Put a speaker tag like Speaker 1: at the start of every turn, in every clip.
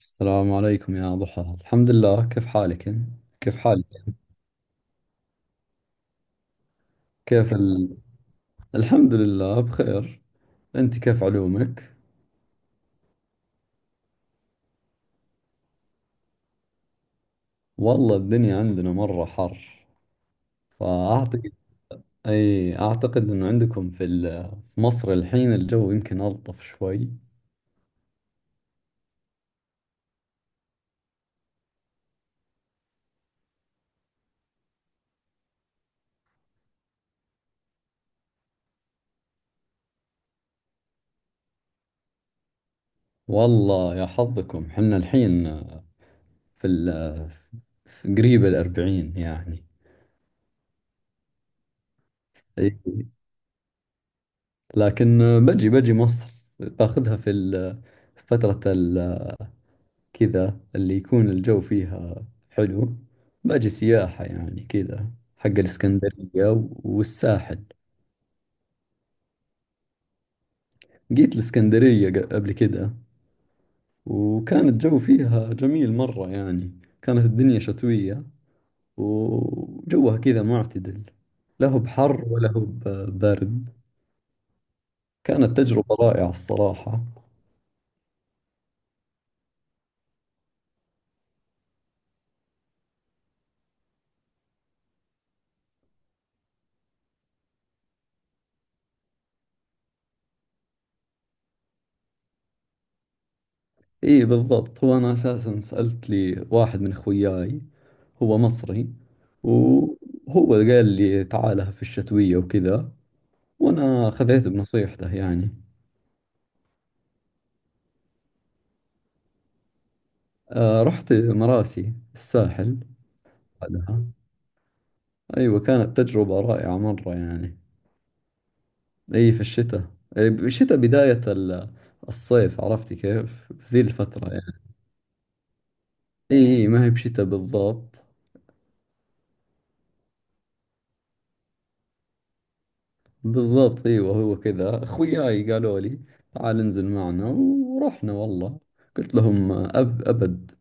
Speaker 1: السلام عليكم يا ضحى. الحمد لله، كيف حالك انت؟ كيف حالك؟ كيف ال... الحمد لله بخير. انت كيف علومك؟ والله الدنيا عندنا مرة حر، فاعتقد اعتقد انه عندكم في مصر الحين الجو يمكن الطف شوي. والله يا حظكم، حنا الحين في ال... في قريب 40 يعني. أي. لكن بجي مصر، باخذها في فترة كذا اللي يكون الجو فيها حلو، باجي سياحة يعني كذا، حق الإسكندرية والساحل. جيت الإسكندرية قبل كذا، وكان الجو فيها جميل مرة، يعني كانت الدنيا شتوية وجوها كذا معتدل، لا هو بحر ولا هو برد. كانت تجربة رائعة الصراحة. اي بالضبط، هو انا اساسا سألت لي واحد من خوياي، هو مصري، وهو قال لي تعال في الشتوية وكذا، وانا خذيت بنصيحته يعني. آه، رحت مراسي الساحل بعدها. ايوه، كانت تجربة رائعة مرة يعني. اي في الشتاء. إي بشتاء بداية الصيف، عرفتي كيف في ذي الفترة يعني. اي إي، ما هي بشتاء بالضبط. بالضبط ايوه، هو كذا اخوياي قالوا لي تعال انزل معنا، ورحنا والله. قلت لهم ابد،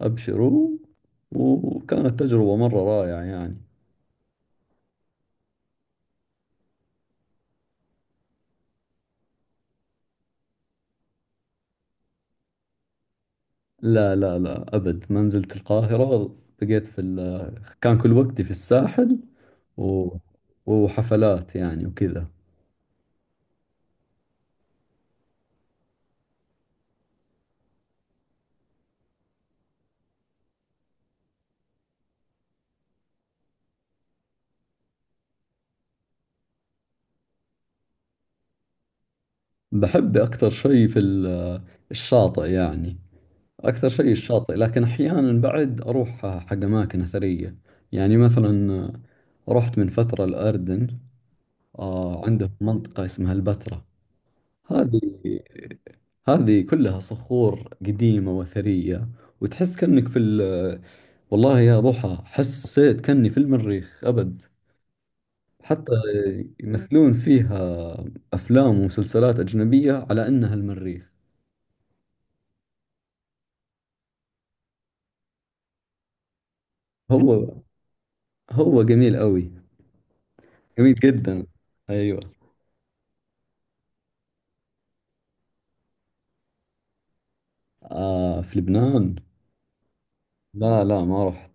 Speaker 1: ابشروا. وكانت تجربة مرة رائعة يعني. لا لا لا، ابد ما نزلت القاهرة. بقيت في ال... كان كل وقتي في الساحل و... وحفلات يعني وكذا. بحب اكثر شيء في الشاطئ يعني. أكثر شيء الشاطئ، لكن أحيانا بعد أروح حق أماكن أثرية، يعني مثلا رحت من فترة الأردن. آه، عندهم منطقة اسمها البتراء. هذه هذه كلها صخور قديمة وأثرية، وتحس كأنك في ال... والله يا ضحى حسيت كأني في المريخ أبد. حتى يمثلون فيها أفلام ومسلسلات أجنبية على أنها المريخ. هو هو جميل أوي، جميل جدا. أيوه. آه، في لبنان. لا لا، ما رحت.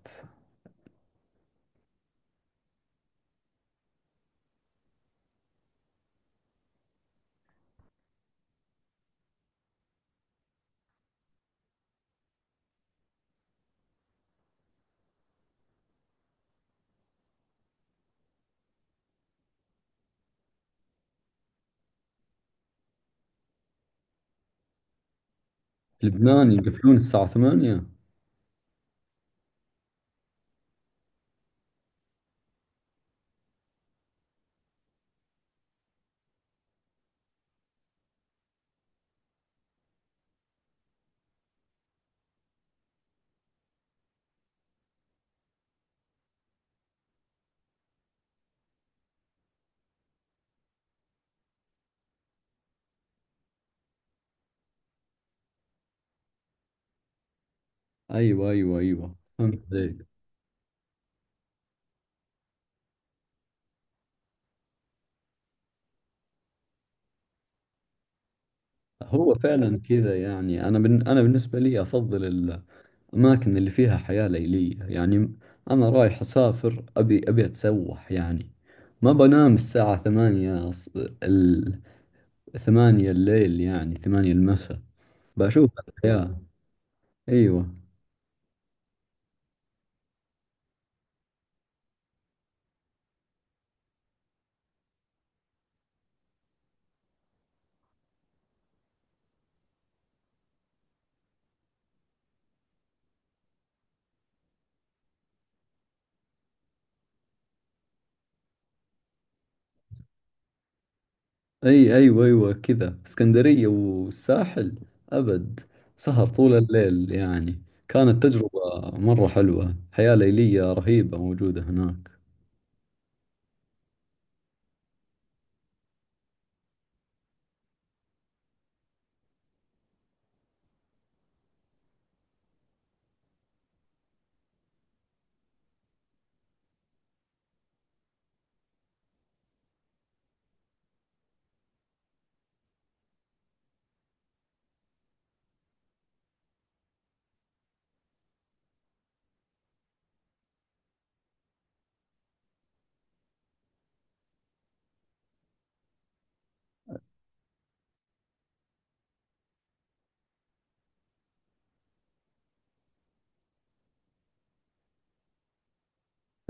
Speaker 1: في لبنان يقفلون الساعة 8. أيوة أيوة أيوة، فهمت عليك. هو فعلا كذا يعني، أنا بالنسبة لي أفضل الأماكن اللي فيها حياة ليلية يعني. أنا رايح أسافر، أبي أتسوح يعني. ما بنام الساعة 8 ال 8 الليل، يعني 8 المساء. بشوف الحياة. أيوة. اي ايوه ايوه، كذا اسكندرية والساحل، ابد، سهر طول الليل يعني. كانت تجربة مرة حلوة، حياة ليلية رهيبة موجودة هناك.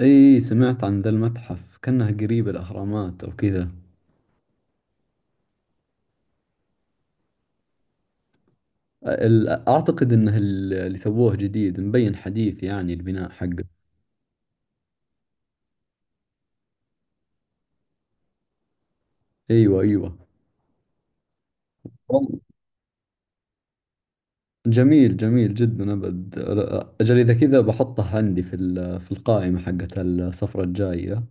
Speaker 1: اي سمعت عن ذا المتحف كأنه قريب الاهرامات او كذا. اعتقد انه اللي سووه جديد، مبين حديث يعني البناء حقه. ايوه ايوه. والله، جميل، جميل جدا ابد. اجل اذا كذا بحطه عندي في القائمة حقت السفرة الجاية.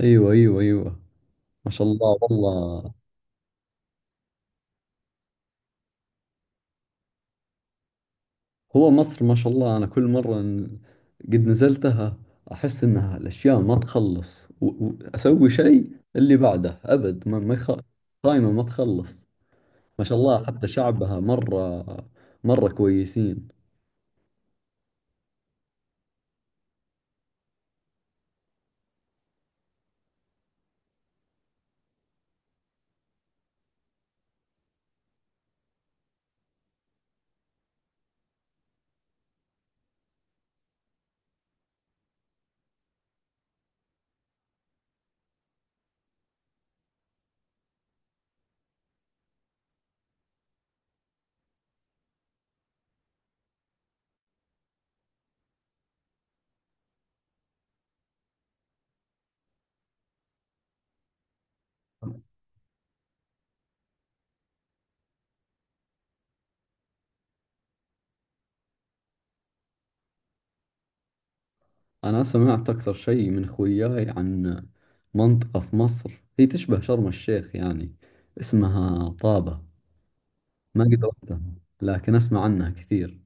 Speaker 1: ايوه ايوه ايوه. ما شاء الله والله. هو مصر ما شاء الله، أنا كل مرة قد نزلتها أحس إنها الأشياء ما تخلص، وأسوي شيء اللي بعده أبد، ما ما يخ- قايمة ما تخلص. ما شاء الله حتى شعبها مرة مرة كويسين. أنا سمعت أكثر شيء من خوياي عن منطقة في مصر هي تشبه شرم الشيخ يعني، اسمها طابة. ما قد رحتها، لكن أسمع عنها كثير.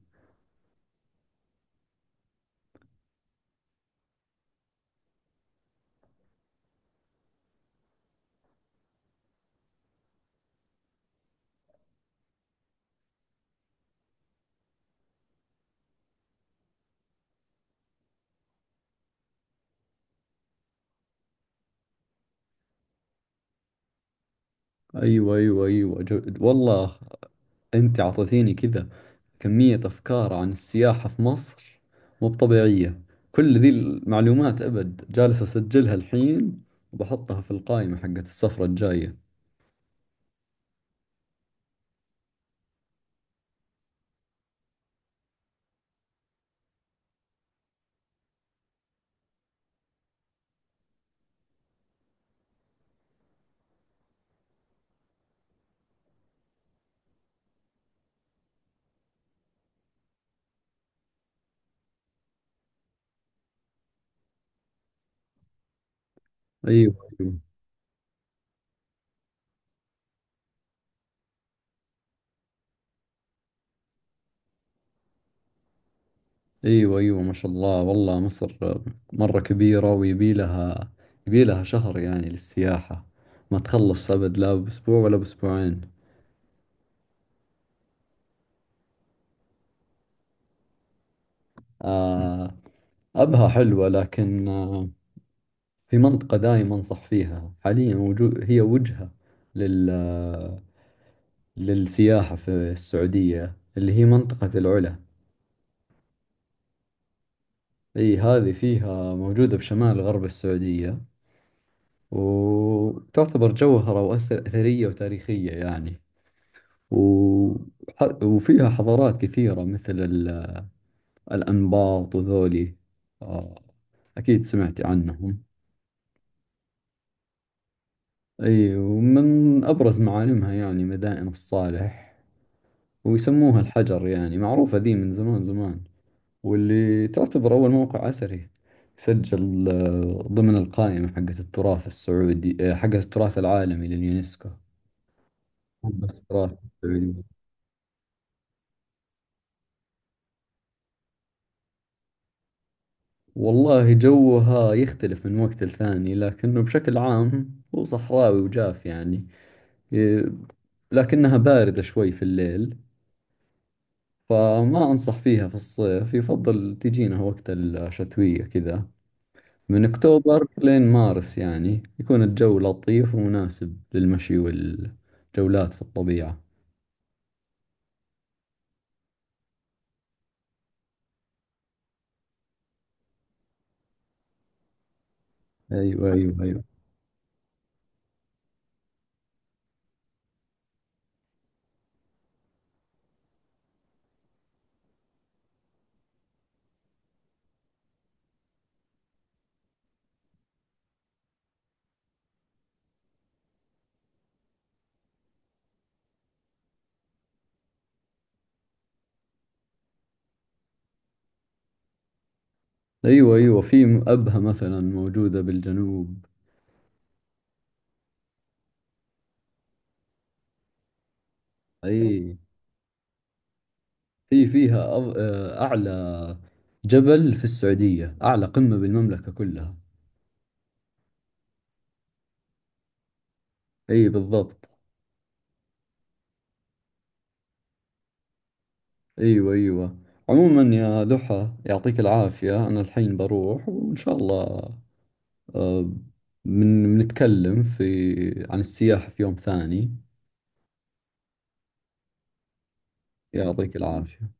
Speaker 1: أيوة أيوة أيوة والله أنت أعطيتيني كذا كمية أفكار عن السياحة في مصر، مو طبيعية. كل ذي المعلومات أبد جالس أسجلها الحين، وبحطها في القائمة حقت السفرة الجاية. أيوة أيوة أيوة أيوة. ما شاء الله والله، مصر مرة كبيرة، ويبي لها يبي لها شهر يعني للسياحة، ما تخلص أبد لا بأسبوع ولا بأسبوعين. آه. أبها حلوة، لكن آه، في منطقة دائما أنصح فيها حاليا، وجو هي وجهة لل آه، للسياحة في السعودية، اللي هي منطقة العلا. اي هذه فيها موجودة بشمال غرب السعودية، وتعتبر جوهرة، أثرية وتاريخية يعني. و... وفيها حضارات كثيرة مثل الأنباط وذولي. آه، أكيد سمعتي عنهم. اي، ومن أبرز معالمها يعني مدائن الصالح. ويسموها الحجر، يعني معروفة ذي من زمان زمان، واللي تعتبر أول موقع أثري سجل، ضمن القائمة حقت التراث السعودي، حقت التراث العالمي لليونسكو. التراث السعودي. والله جوها يختلف من وقت لثاني، لكنه بشكل عام هو صحراوي وجاف يعني. إيه، لكنها باردة شوي في الليل. فما أنصح فيها في الصيف، يفضل تجينا وقت الشتوية كذا، من أكتوبر لين مارس، يعني يكون الجو لطيف ومناسب للمشي والجولات في الطبيعة. أيوة أيوة أيوة أيوة أيوة. في أبها مثلا موجودة بالجنوب. أي في فيها أعلى جبل في السعودية، أعلى قمة بالمملكة كلها. أي بالضبط. أيوة أيوة. عموما يا دحى يعطيك العافية، أنا الحين بروح وإن شاء الله، آه، من بنتكلم في عن السياحة في يوم ثاني. يعطيك العافية.